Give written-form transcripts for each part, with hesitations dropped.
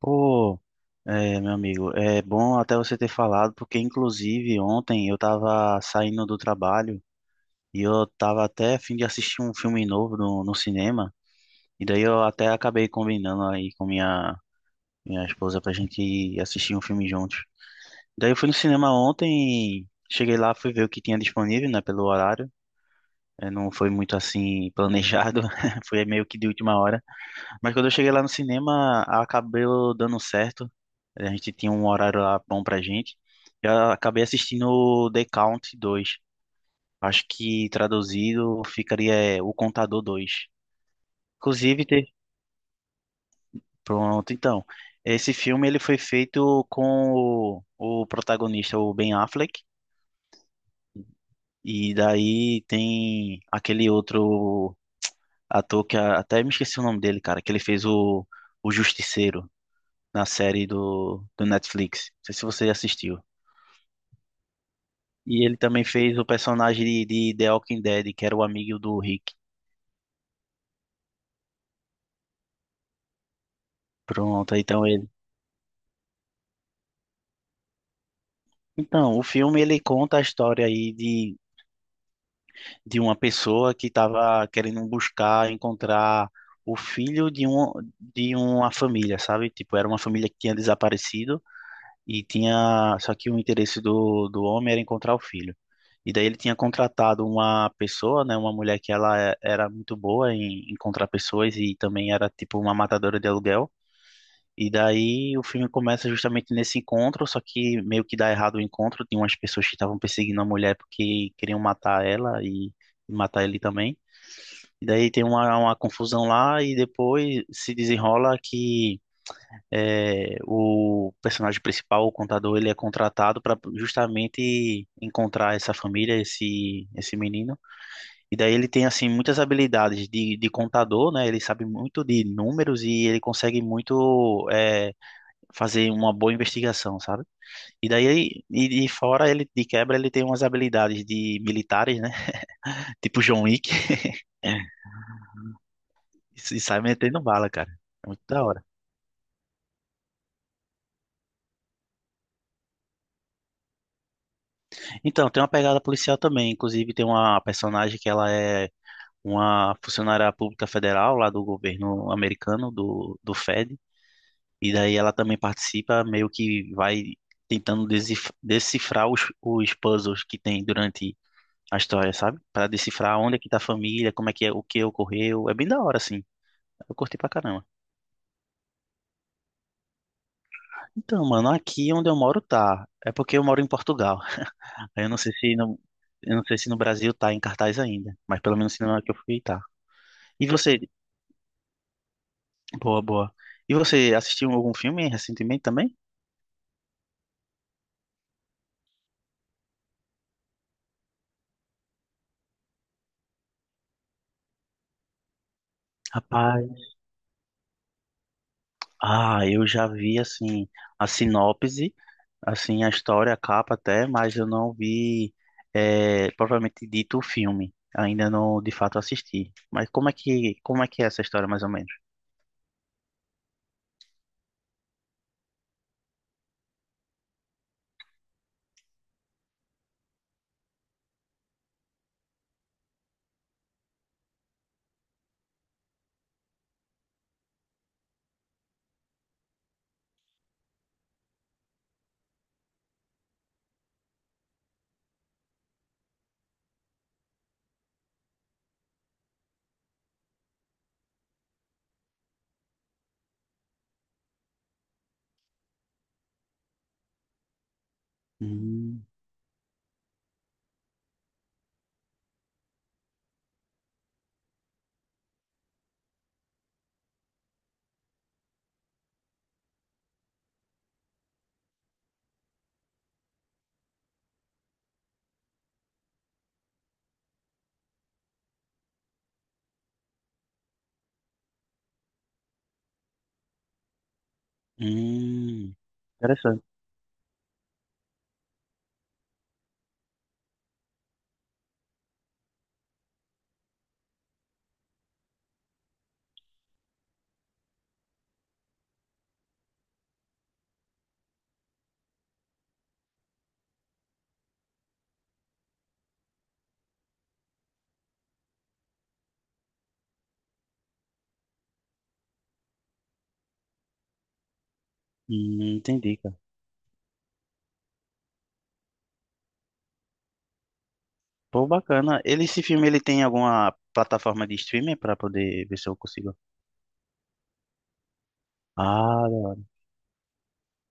Pô, é, meu amigo, é bom até você ter falado, porque inclusive ontem eu tava saindo do trabalho e eu tava até a fim de assistir um filme novo no cinema, e daí eu até acabei combinando aí com minha esposa pra gente ir assistir um filme juntos. Daí eu fui no cinema ontem, cheguei lá, fui ver o que tinha disponível, né, pelo horário. É, não foi muito assim planejado, foi meio que de última hora. Mas quando eu cheguei lá no cinema, acabou dando certo. A gente tinha um horário lá bom pra gente. Eu acabei assistindo o The Count 2. Acho que traduzido ficaria O Contador Dois. Inclusive, te... pronto, então. Esse filme ele foi feito com o protagonista, o Ben Affleck. E daí tem aquele outro ator que até me esqueci o nome dele, cara, que ele fez o Justiceiro na série do Netflix. Não sei se você assistiu. E ele também fez o personagem de The Walking Dead, que era o amigo do Rick. Pronto, então ele. Então, o filme ele conta a história aí de uma pessoa que estava querendo buscar, encontrar o filho de, um, de uma família, sabe? Tipo, era uma família que tinha desaparecido. E tinha, só que o interesse do homem era encontrar o filho. E daí ele tinha contratado uma pessoa, né, uma mulher que era muito boa em encontrar pessoas e também era tipo uma matadora de aluguel. E daí o filme começa justamente nesse encontro, só que meio que dá errado o encontro, tem umas pessoas que estavam perseguindo a mulher porque queriam matar ela e matar ele também. E daí tem uma confusão lá e depois se desenrola que é, o personagem principal, o contador, ele é contratado para justamente encontrar essa família, esse menino. E daí ele tem assim muitas habilidades de contador, né? Ele sabe muito de números e ele consegue muito fazer uma boa investigação, sabe? E daí, e de fora ele, de quebra, ele tem umas habilidades de militares, né? Tipo John Wick, e sai metendo bala, cara. É muito da hora. Então, tem uma pegada policial também. Inclusive, tem uma personagem que ela é uma funcionária pública federal lá do governo americano, do Fed, e daí ela também participa, meio que vai tentando decifrar os puzzles que tem durante a história, sabe? Para decifrar onde é que tá a família, como é que é, o que ocorreu. É bem da hora, assim. Eu curti pra caramba. Então, mano, aqui onde eu moro tá. É porque eu moro em Portugal. Aí, eu não sei se eu não sei se no Brasil tá em cartaz ainda, mas pelo menos no cinema que eu fui tá. E você, boa, boa. E você assistiu algum filme recentemente também? Rapaz, ah, eu já vi assim a sinopse, assim a história, a capa até, mas eu não vi propriamente dito o filme. Ainda não de fato assisti. Mas como é que é essa história mais ou menos? Hum, hum, interessante. Entendi, cara. Pô, bacana. Ele, esse filme ele tem alguma plataforma de streaming para poder ver se eu consigo. Ah, da hora.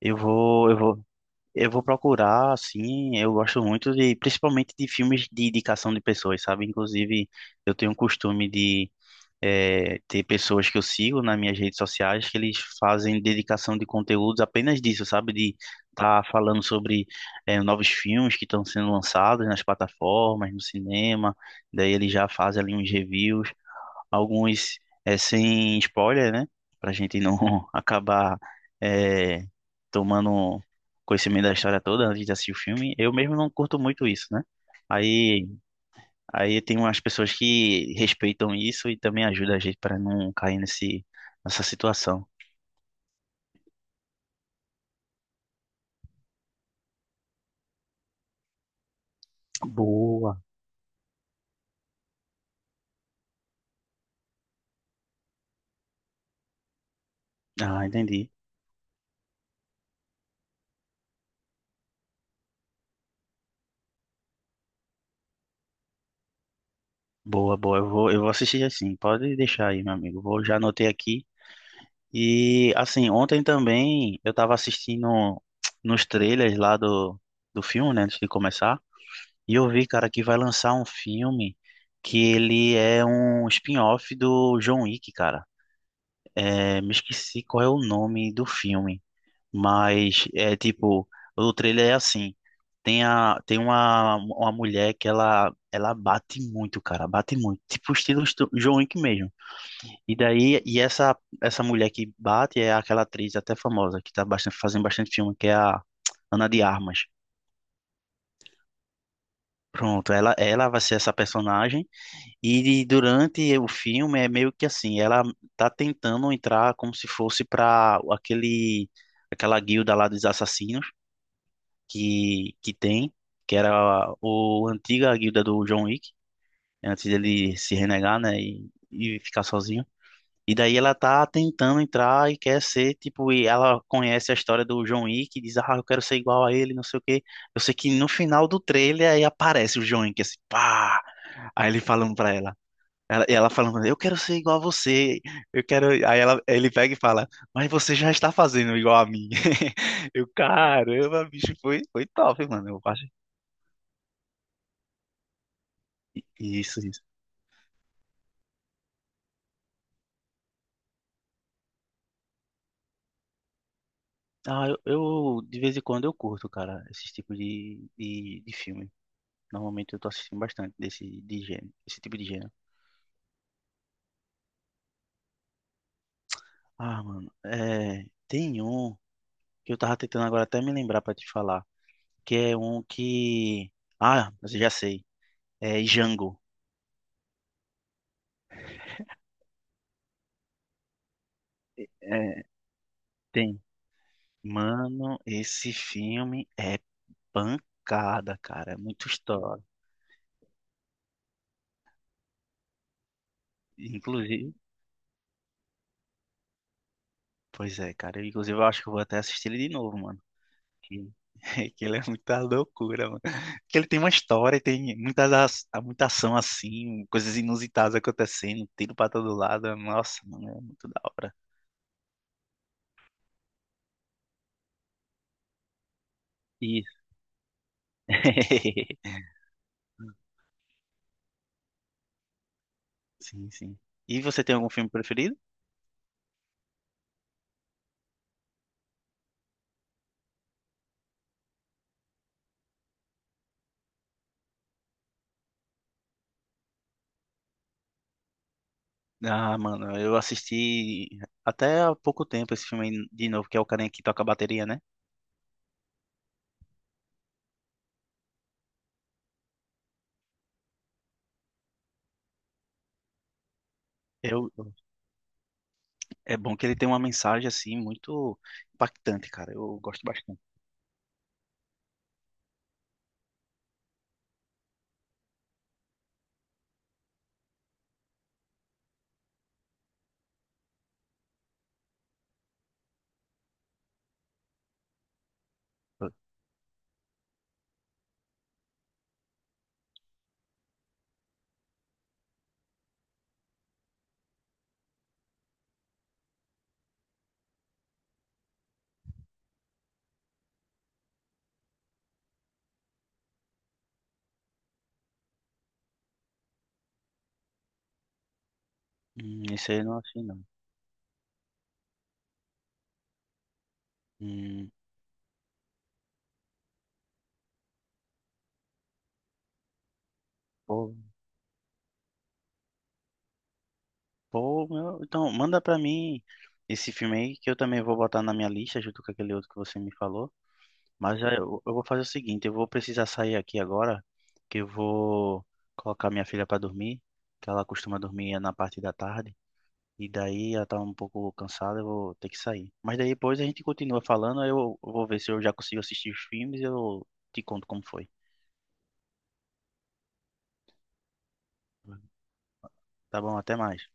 Eu vou, eu vou procurar, assim. Eu gosto muito de, principalmente de filmes de indicação de pessoas, sabe? Inclusive, eu tenho o costume de ter pessoas que eu sigo nas minhas redes sociais que eles fazem dedicação de conteúdos apenas disso, sabe? De estar tá falando sobre novos filmes que estão sendo lançados nas plataformas, no cinema. Daí eles já fazem ali uns reviews, alguns sem spoiler, né? Pra gente não acabar é, tomando conhecimento da história toda antes de assistir o filme. Eu mesmo não curto muito isso, né? Aí, aí tem umas pessoas que respeitam isso e também ajudam a gente para não cair nessa situação. Boa. Ah, entendi. Boa, boa. Eu vou assistir assim. Pode deixar aí, meu amigo. Vou, já anotei aqui. E assim, ontem também eu tava assistindo nos trailers lá do filme, né, antes de começar, e eu vi, cara, que vai lançar um filme que ele é um spin-off do John Wick, cara. É, me esqueci qual é o nome do filme, mas é tipo, o trailer é assim, tem uma mulher que ela bate muito, cara, bate muito, tipo estilo John Wick mesmo. E daí, essa mulher que bate é aquela atriz até famosa, que tá bastante, fazendo bastante filme, que é a Ana de Armas. Pronto, ela vai ser essa personagem. E durante o filme é meio que assim, ela tá tentando entrar como se fosse pra aquela guilda lá dos assassinos que tem, que era o a antiga guilda do John Wick, antes dele se renegar, né, e ficar sozinho. E daí ela tá tentando entrar e quer ser, tipo, e ela conhece a história do John Wick e diz, ah, eu quero ser igual a ele, não sei o quê. Eu sei que no final do trailer aí aparece o John Wick, assim, pá! Aí ele falando pra ela. E ela falando, eu quero ser igual a você, eu quero. Aí ele pega e fala, mas você já está fazendo igual a mim. Eu, caramba, bicho, foi top, mano. Isso, isso. Ah, de vez em quando eu curto, cara, esses tipos de filme. Normalmente eu tô assistindo bastante esse tipo de gênero. Ah, mano, é, tem um que eu tava tentando agora até me lembrar pra te falar, que é um que... Ah, mas eu já sei. É Django. É, tem. Mano, esse filme é pancada, cara, é muito história. Inclusive, pois é, cara, inclusive eu acho que eu vou até assistir ele de novo, mano. Que que ele é muita loucura, mano. Que ele tem uma história, e tem muita ação assim, coisas inusitadas acontecendo, tiro pra todo lado. Nossa, mano, é muito da hora. Isso. Sim, sim. E você tem algum filme preferido? Ah, mano, eu assisti até há pouco tempo esse filme aí de novo, que é o carinha que toca a bateria, né? Eu, é bom que ele tem uma mensagem assim muito impactante, cara. Eu gosto bastante. Esse aí eu não achei, não. Hum, pô, pô, meu, então, manda pra mim esse filme aí que eu também vou botar na minha lista junto com aquele outro que você me falou. Mas já, eu vou fazer o seguinte, eu vou precisar sair aqui agora, que eu vou colocar minha filha pra dormir, que ela costuma dormir na parte da tarde, e daí ela tá um pouco cansada, eu vou ter que sair. Mas daí depois a gente continua falando, aí eu vou ver se eu já consigo assistir os filmes e eu te conto como foi. Tá bom, até mais.